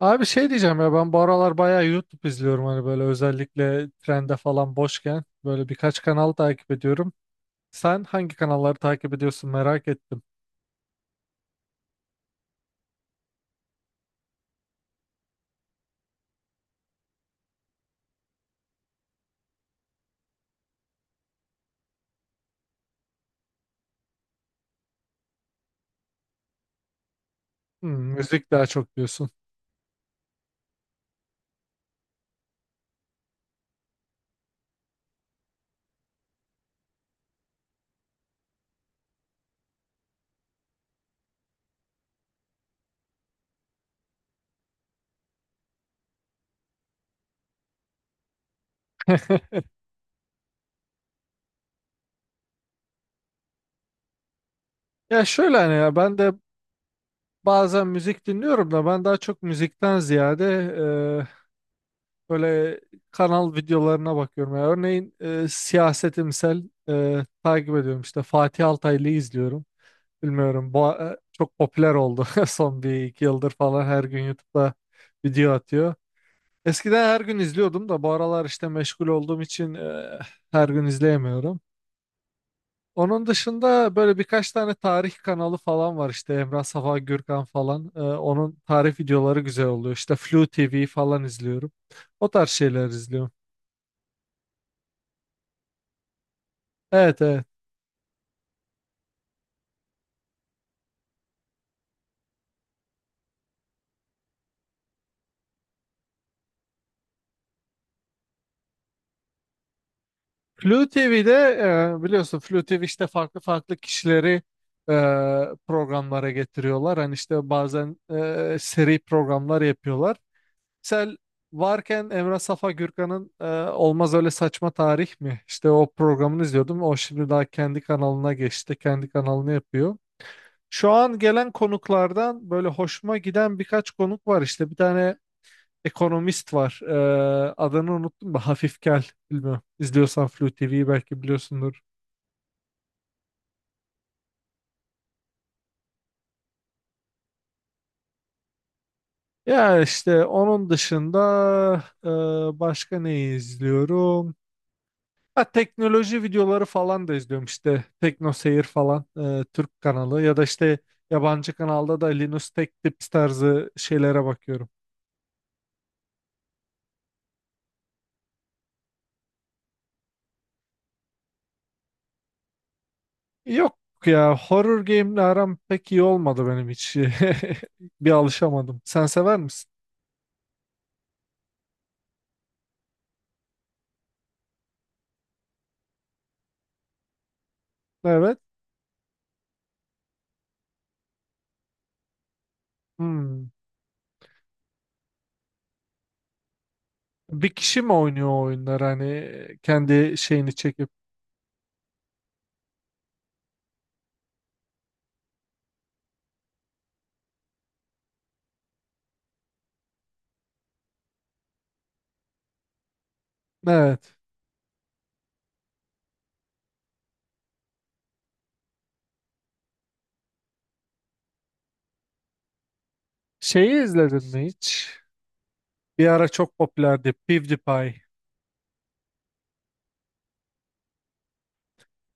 Abi şey diyeceğim ya, ben bu aralar bayağı YouTube izliyorum hani, böyle özellikle trende falan boşken böyle birkaç kanal takip ediyorum. Sen hangi kanalları takip ediyorsun, merak ettim. Hmm, müzik daha çok diyorsun. Ya şöyle hani, ya ben de bazen müzik dinliyorum da ben daha çok müzikten ziyade e, böyle kanal videolarına bakıyorum. Ya örneğin siyasetimsel, takip ediyorum işte, Fatih Altaylı'yı izliyorum. Bilmiyorum. Bu çok popüler oldu, son bir iki yıldır falan her gün YouTube'da video atıyor. Eskiden her gün izliyordum da bu aralar işte meşgul olduğum için her gün izleyemiyorum. Onun dışında böyle birkaç tane tarih kanalı falan var, işte Emrah Safa Gürkan falan. Onun tarih videoları güzel oluyor. İşte Flu TV falan izliyorum. O tarz şeyler izliyorum. Evet, evet. Flu TV'de biliyorsun Flu TV işte farklı farklı kişileri e, programlara getiriyorlar. Hani işte bazen seri programlar yapıyorlar. Sel varken Emrah Safa Gürkan'ın Olmaz Öyle Saçma Tarih mi, İşte o programını izliyordum. O şimdi daha kendi kanalına geçti. Kendi kanalını yapıyor. Şu an gelen konuklardan böyle hoşuma giden birkaç konuk var. İşte bir tane ekonomist var. Adını unuttum da, Hafif Gel. Bilmiyorum. İzliyorsan Flu TV'yi belki biliyorsundur. Ya işte onun dışında başka ne izliyorum? Ha, teknoloji videoları falan da izliyorum, işte Tekno Seyir falan, Türk kanalı, ya da işte yabancı kanalda da Linus Tech Tips tarzı şeylere bakıyorum. Yok ya, horror game'le aram pek iyi olmadı benim hiç. Bir alışamadım. Sen sever misin? Evet. Hmm. Bir kişi mi oynuyor o oyunlar, hani kendi şeyini çekip? Evet. Şeyi izledin mi hiç? Bir ara çok popülerdi PewDiePie.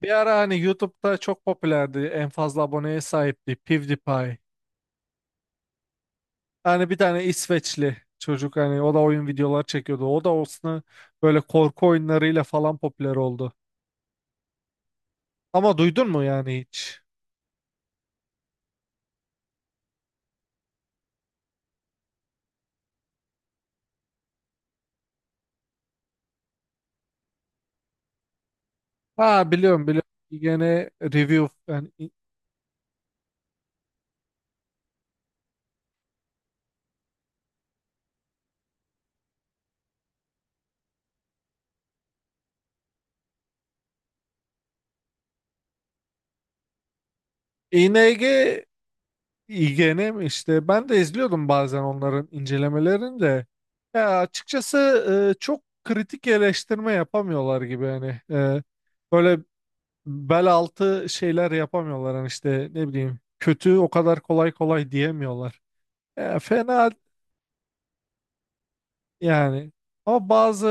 Bir ara hani YouTube'da çok popülerdi, en fazla aboneye sahipti PewDiePie. Hani bir tane İsveçli çocuk, hani o da oyun videoları çekiyordu. O da olsun böyle korku oyunlarıyla falan popüler oldu. Ama duydun mu yani hiç? Ha, biliyorum, biliyorum. Gene review yani, ING, IGN mi işte, ben de izliyordum bazen onların incelemelerini de. Ya açıkçası çok kritik eleştirme yapamıyorlar gibi hani. Böyle bel altı şeyler yapamıyorlar, hani işte, ne bileyim, kötü o kadar kolay kolay diyemiyorlar. Fena yani. Ama bazı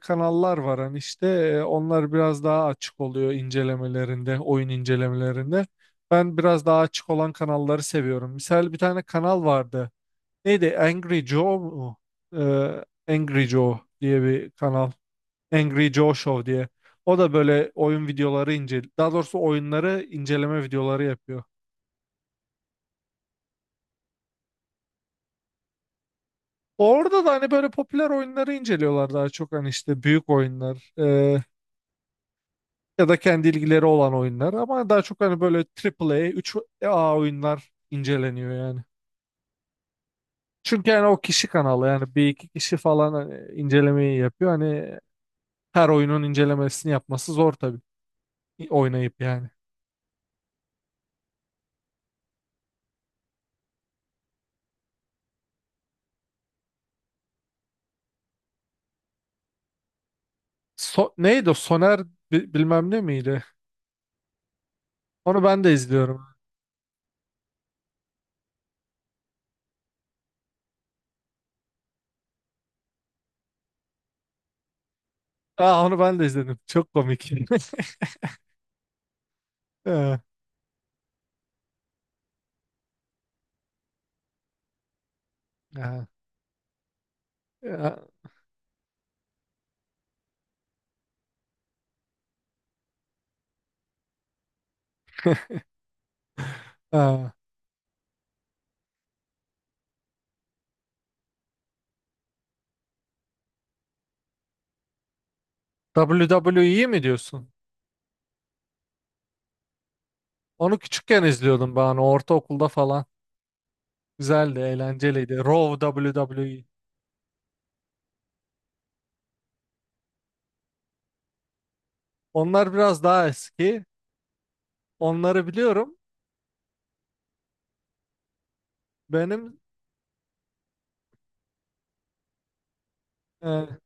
kanallar var, hani işte onlar biraz daha açık oluyor incelemelerinde, oyun incelemelerinde. Ben biraz daha açık olan kanalları seviyorum. Misal, bir tane kanal vardı. Neydi? Angry Joe mu? Angry Joe diye bir kanal. Angry Joe Show diye. O da böyle oyun videoları ince, daha doğrusu oyunları inceleme videoları yapıyor. Orada da hani böyle popüler oyunları inceliyorlar daha çok, hani işte büyük oyunlar, ya da kendi ilgileri olan oyunlar, ama daha çok hani böyle AAA, 3A oyunlar inceleniyor yani. Çünkü yani o kişi kanalı, yani bir iki kişi falan hani incelemeyi yapıyor. Hani her oyunun incelemesini yapması zor tabii, oynayıp yani. Neydi o? Soner bilmem ne miydi? Onu ben de izliyorum. Aa, onu ben de izledim. Çok komik. Ee, ee, ee, ee. WWE mi diyorsun? Onu küçükken izliyordum ben. Hani ortaokulda falan. Güzeldi, eğlenceliydi. Raw, WWE. Onlar biraz daha eski. Onları biliyorum. Benim e,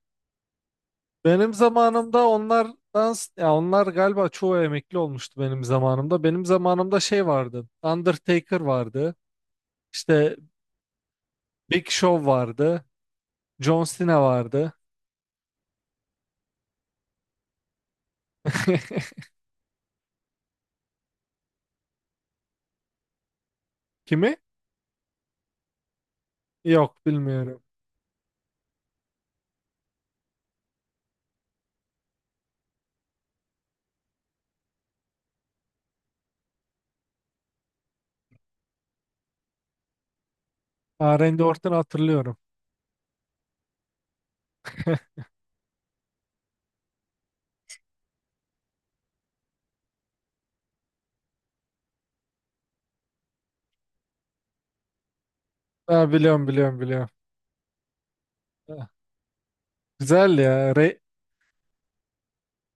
benim zamanımda onlardan ya onlar galiba çoğu emekli olmuştu benim zamanımda. Benim zamanımda şey vardı. Undertaker vardı. İşte Big Show vardı. John Cena vardı. Kimi? Yok, bilmiyorum. Aa, Randy Orton'u hatırlıyorum. Ha, biliyorum, biliyorum, biliyorum. Ha, güzel ya. Rey,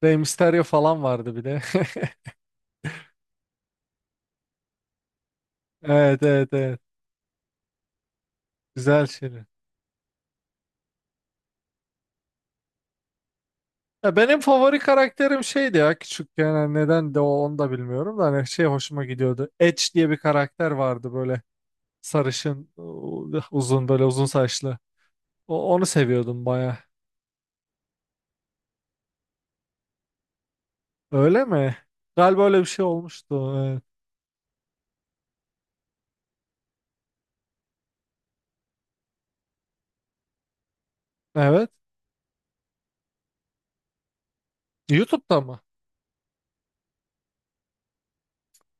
Rey Mysterio falan vardı bir de. Evet, evet, evet. Güzel şeyler. Ya benim favori karakterim şeydi ya küçükken. Yani neden de o, onu da bilmiyorum da, hani şey, hoşuma gidiyordu. Edge diye bir karakter vardı, böyle sarışın, uzun, böyle uzun saçlı. Onu seviyordum baya. Öyle mi? Galiba öyle bir şey olmuştu, evet. Evet. YouTube'da mı?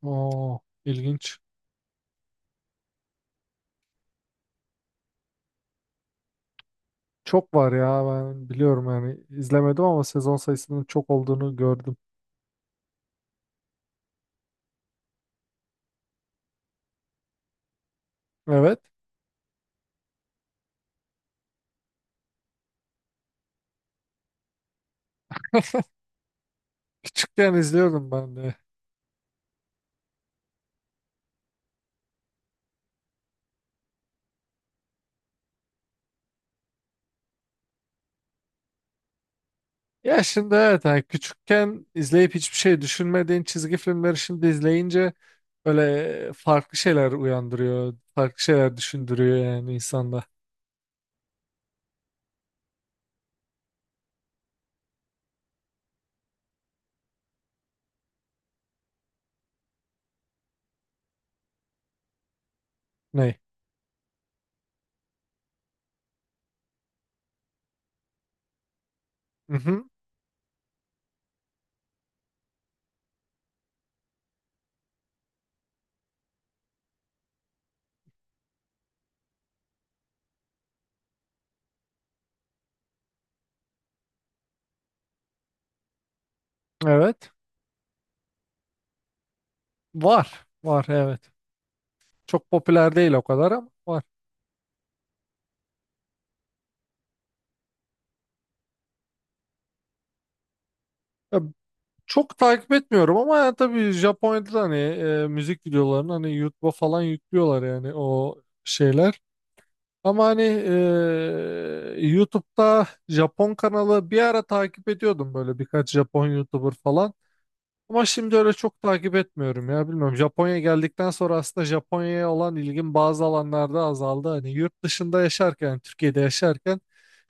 Oo, ilginç. Çok var ya, ben biliyorum yani, izlemedim ama sezon sayısının çok olduğunu gördüm. Evet. Küçükken izliyordum ben de. Ya şimdi evet, yani küçükken izleyip hiçbir şey düşünmediğin çizgi filmleri şimdi izleyince böyle farklı şeyler uyandırıyor. Farklı şeyler düşündürüyor yani insanda. Ne? Mhm, evet. Var. Var, evet. Çok popüler değil o kadar, ama var. Çok takip etmiyorum ama, ya tabii Japonya'da da hani müzik videolarını hani YouTube'a falan yüklüyorlar, yani o şeyler. Ama hani YouTube'da Japon kanalı bir ara takip ediyordum, böyle birkaç Japon YouTuber falan. Ama şimdi öyle çok takip etmiyorum ya, bilmiyorum. Japonya'ya geldikten sonra aslında Japonya'ya olan ilgim bazı alanlarda azaldı. Hani yurt dışında yaşarken, Türkiye'de yaşarken,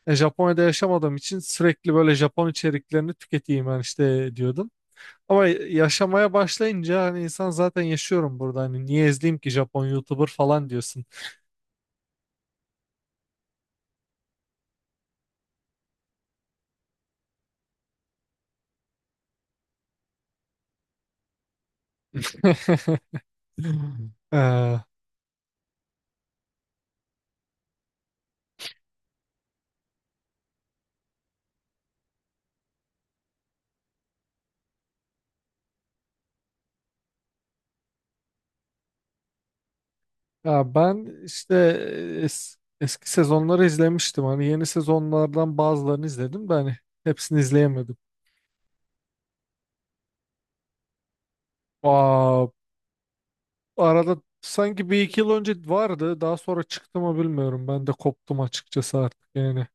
Japonya'da yaşamadığım için sürekli böyle Japon içeriklerini tüketeyim ben, işte diyordum. Ama yaşamaya başlayınca hani, insan zaten yaşıyorum burada. Hani niye izleyeyim ki Japon YouTuber falan diyorsun. Ee, ya ben işte eski sezonları izlemiştim. Hani yeni sezonlardan bazılarını izledim de hani hepsini izleyemedim. Aa, arada sanki bir iki yıl önce vardı. Daha sonra çıktı mı bilmiyorum. Ben de koptum açıkçası artık yani.